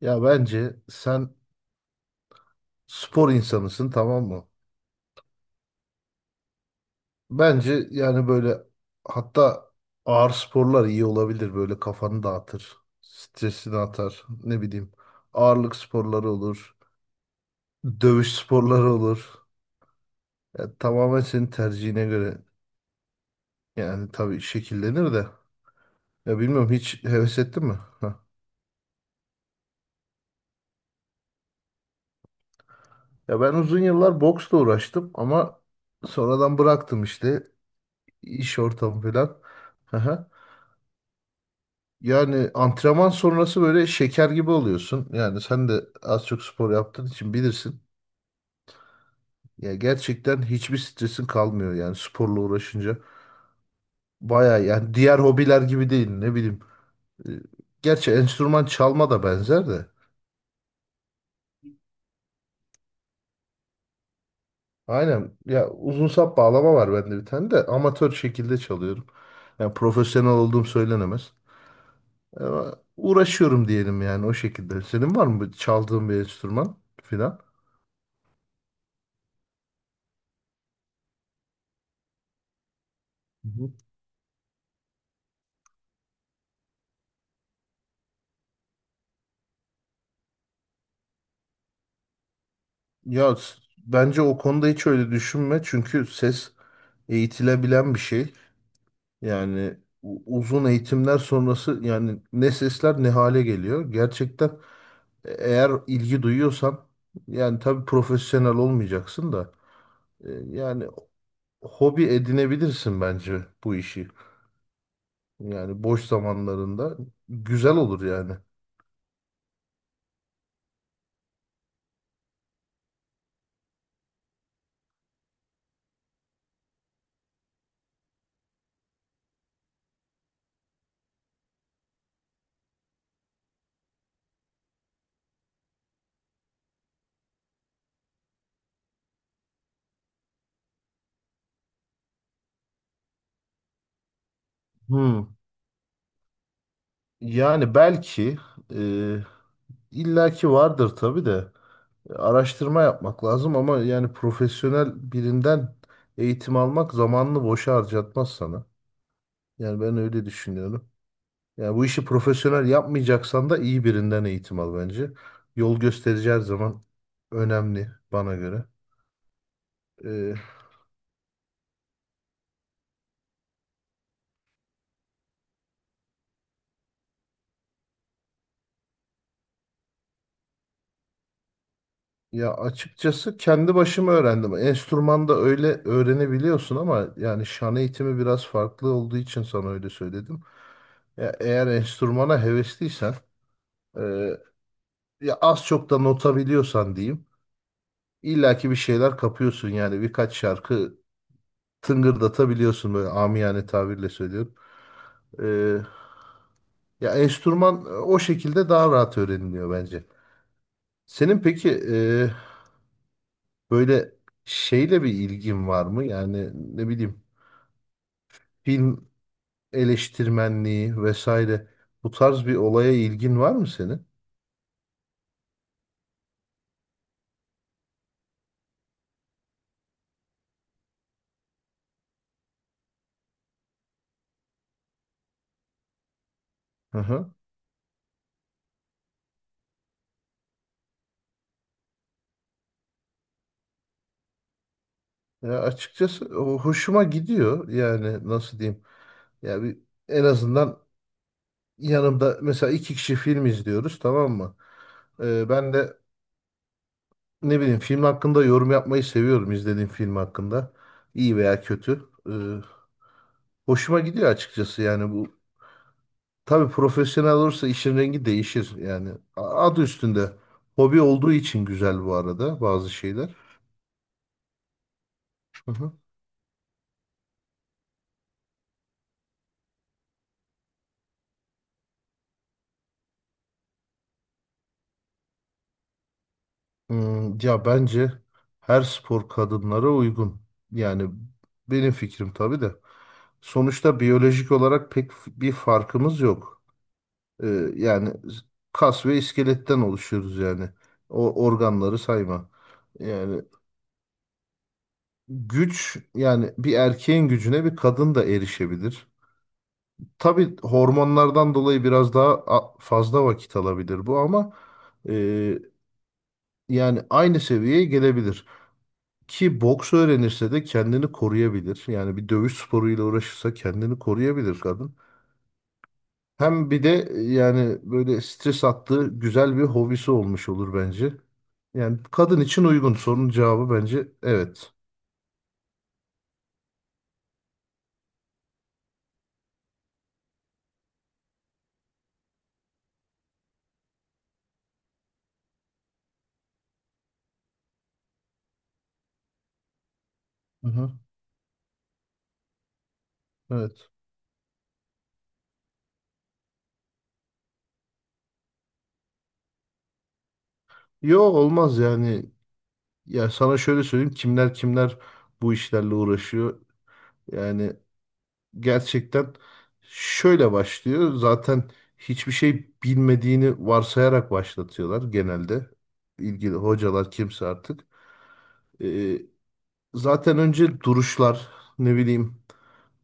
Ya bence sen spor insanısın, tamam mı? Bence yani böyle, hatta ağır sporlar iyi olabilir, böyle kafanı dağıtır, stresini atar, ne bileyim, ağırlık sporları olur, dövüş sporları olur. Ya tamamen senin tercihine göre yani, tabii şekillenir de. Ya bilmiyorum, hiç heves ettin mi? Ya ben uzun yıllar boksla uğraştım ama sonradan bıraktım işte, iş ortamı falan. Yani antrenman sonrası böyle şeker gibi oluyorsun. Yani sen de az çok spor yaptığın için bilirsin. Ya gerçekten hiçbir stresin kalmıyor yani sporla uğraşınca. Baya yani, diğer hobiler gibi değil, ne bileyim. Ee, Gerçi enstrüman çalma da benzer de. Aynen ya, uzun sap bağlama var bende bir tane de, amatör şekilde çalıyorum. Yani profesyonel olduğum söylenemez. Ama uğraşıyorum diyelim yani, o şekilde. Senin var mı çaldığın bir enstrüman filan? Ya bence o konuda hiç öyle düşünme, çünkü ses eğitilebilen bir şey. Yani uzun eğitimler sonrası yani ne sesler ne hale geliyor. Gerçekten eğer ilgi duyuyorsan, yani tabii profesyonel olmayacaksın da, yani hobi edinebilirsin bence bu işi. Yani boş zamanlarında güzel olur yani. Hmm. Yani belki, e, illaki vardır tabii de. Araştırma yapmak lazım, ama yani profesyonel birinden eğitim almak zamanını boşa harcatmaz sana. Yani ben öyle düşünüyorum. Yani bu işi profesyonel yapmayacaksan da iyi birinden eğitim al bence. Yol gösterici her zaman önemli bana göre. Ee, ya açıkçası kendi başıma öğrendim. Enstrümanda öyle öğrenebiliyorsun ama, yani şan eğitimi biraz farklı olduğu için sana öyle söyledim. Ya eğer enstrümana hevesliysen, e, ya az çok da nota biliyorsan diyeyim. İlla ki bir şeyler kapıyorsun yani, birkaç şarkı tıngırdatabiliyorsun, böyle amiyane tabirle söylüyorum. Ee, ya enstrüman o şekilde daha rahat öğreniliyor bence. Senin peki, böyle şeyle bir ilgin var mı? Yani ne bileyim, film eleştirmenliği vesaire, bu tarz bir olaya ilgin var mı senin? Hı hı. Ya açıkçası o hoşuma gidiyor, yani nasıl diyeyim? Ya bir, en azından yanımda mesela iki kişi film izliyoruz, tamam mı? Ben de ne bileyim, film hakkında yorum yapmayı seviyorum, izlediğim film hakkında. İyi veya kötü. Ee, hoşuma gidiyor açıkçası yani, bu. Tabii profesyonel olursa işin rengi değişir yani. Adı üstünde. Hobi olduğu için güzel bu arada bazı şeyler. Hı hı. Ya bence her spor kadınlara uygun. Yani benim fikrim tabii de. Sonuçta biyolojik olarak pek bir farkımız yok. Ee, yani kas ve iskeletten oluşuyoruz yani. O organları sayma. Yani güç, yani bir erkeğin gücüne bir kadın da erişebilir. Tabii hormonlardan dolayı biraz daha fazla vakit alabilir bu, ama e, yani aynı seviyeye gelebilir. Ki boks öğrenirse de kendini koruyabilir. Yani bir dövüş sporuyla uğraşırsa kendini koruyabilir kadın. Hem bir de yani böyle stres attığı güzel bir hobisi olmuş olur bence. Yani kadın için uygun sorunun cevabı bence evet. Hı-hı. Evet. Yo, olmaz yani. Ya sana şöyle söyleyeyim, kimler kimler bu işlerle uğraşıyor. Yani gerçekten şöyle başlıyor. Zaten hiçbir şey bilmediğini varsayarak başlatıyorlar genelde. İlgili hocalar kimse artık. Ee, zaten önce duruşlar, ne bileyim,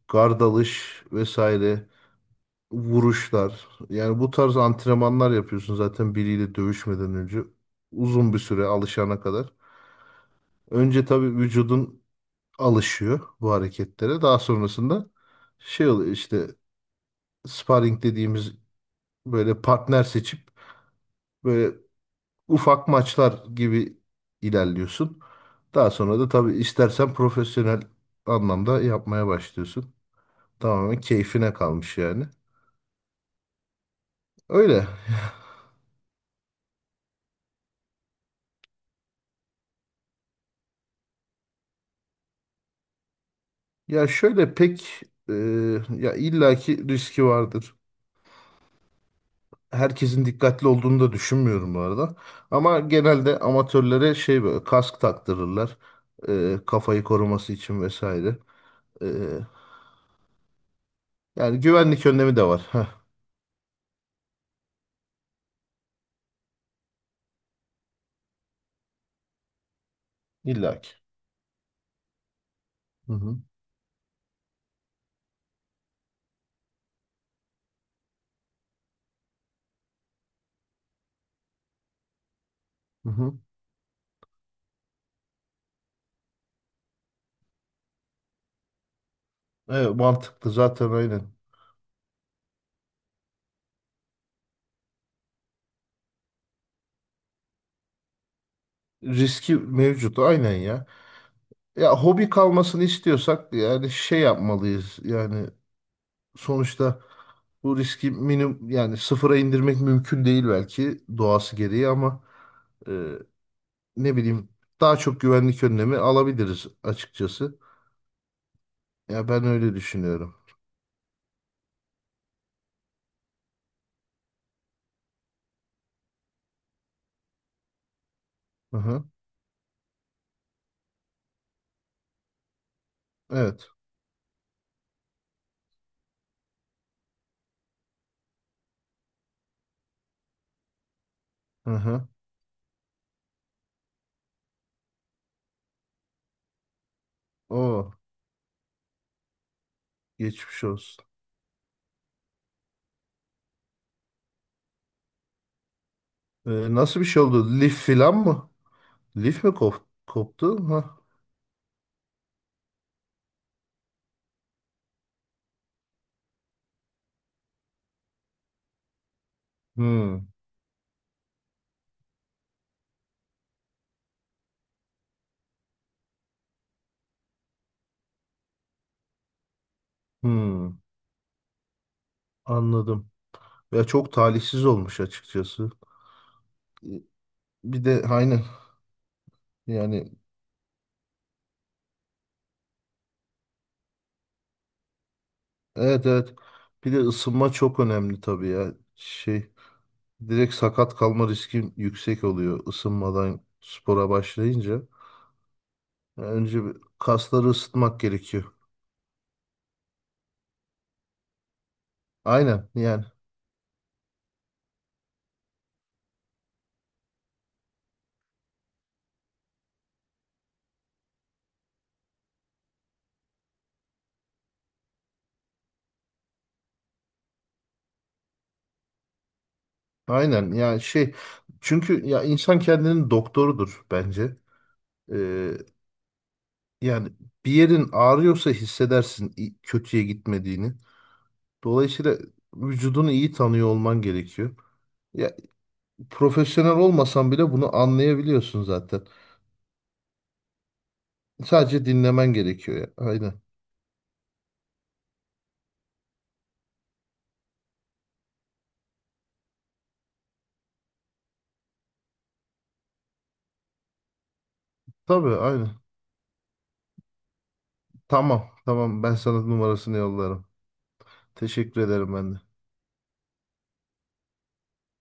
gardalış vesaire, vuruşlar. Yani bu tarz antrenmanlar yapıyorsun zaten biriyle dövüşmeden önce. Uzun bir süre alışana kadar. Önce tabii vücudun alışıyor bu hareketlere. Daha sonrasında şey oluyor işte, sparring dediğimiz, böyle partner seçip böyle ufak maçlar gibi ilerliyorsun. Daha sonra da tabii istersen profesyonel anlamda yapmaya başlıyorsun. Tamamen keyfine kalmış yani. Öyle. Ya şöyle pek, e, ya illaki riski vardır. Herkesin dikkatli olduğunu da düşünmüyorum bu arada. Ama genelde amatörlere şey, böyle kask taktırırlar. Kafayı koruması için vesaire. E, yani güvenlik önlemi de var. Heh, illaki. Hı hı. Hı hı. Evet, mantıklı zaten, aynen. Riski mevcut aynen ya. Ya hobi kalmasını istiyorsak yani şey yapmalıyız. Yani sonuçta bu riski minimum, yani sıfıra indirmek mümkün değil belki doğası gereği, ama e, ne bileyim, daha çok güvenlik önlemi alabiliriz açıkçası. Ya ben öyle düşünüyorum. Hı hı. Evet. Hı hı. Oo, geçmiş olsun. Nasıl bir şey oldu? Lif filan mı? Lif mi koptu? Ha. Hmm. Hmm. Anladım. Ya çok talihsiz olmuş açıkçası. E, Bir de aynen yani. Evet, evet. Bir de ısınma çok önemli tabii ya. Şey, direkt sakat kalma riskim yüksek oluyor ısınmadan spora başlayınca. Yani önce bir kasları ısıtmak gerekiyor. Aynen yani. Aynen yani şey, çünkü ya insan kendinin doktorudur bence. Ee, yani bir yerin ağrıyorsa hissedersin kötüye gitmediğini. Dolayısıyla vücudunu iyi tanıyor olman gerekiyor. Ya profesyonel olmasan bile bunu anlayabiliyorsun zaten. Sadece dinlemen gerekiyor ya. Aynen. Tabii aynen. Tamam, tamam, ben sana numarasını yollarım. Teşekkür ederim ben de.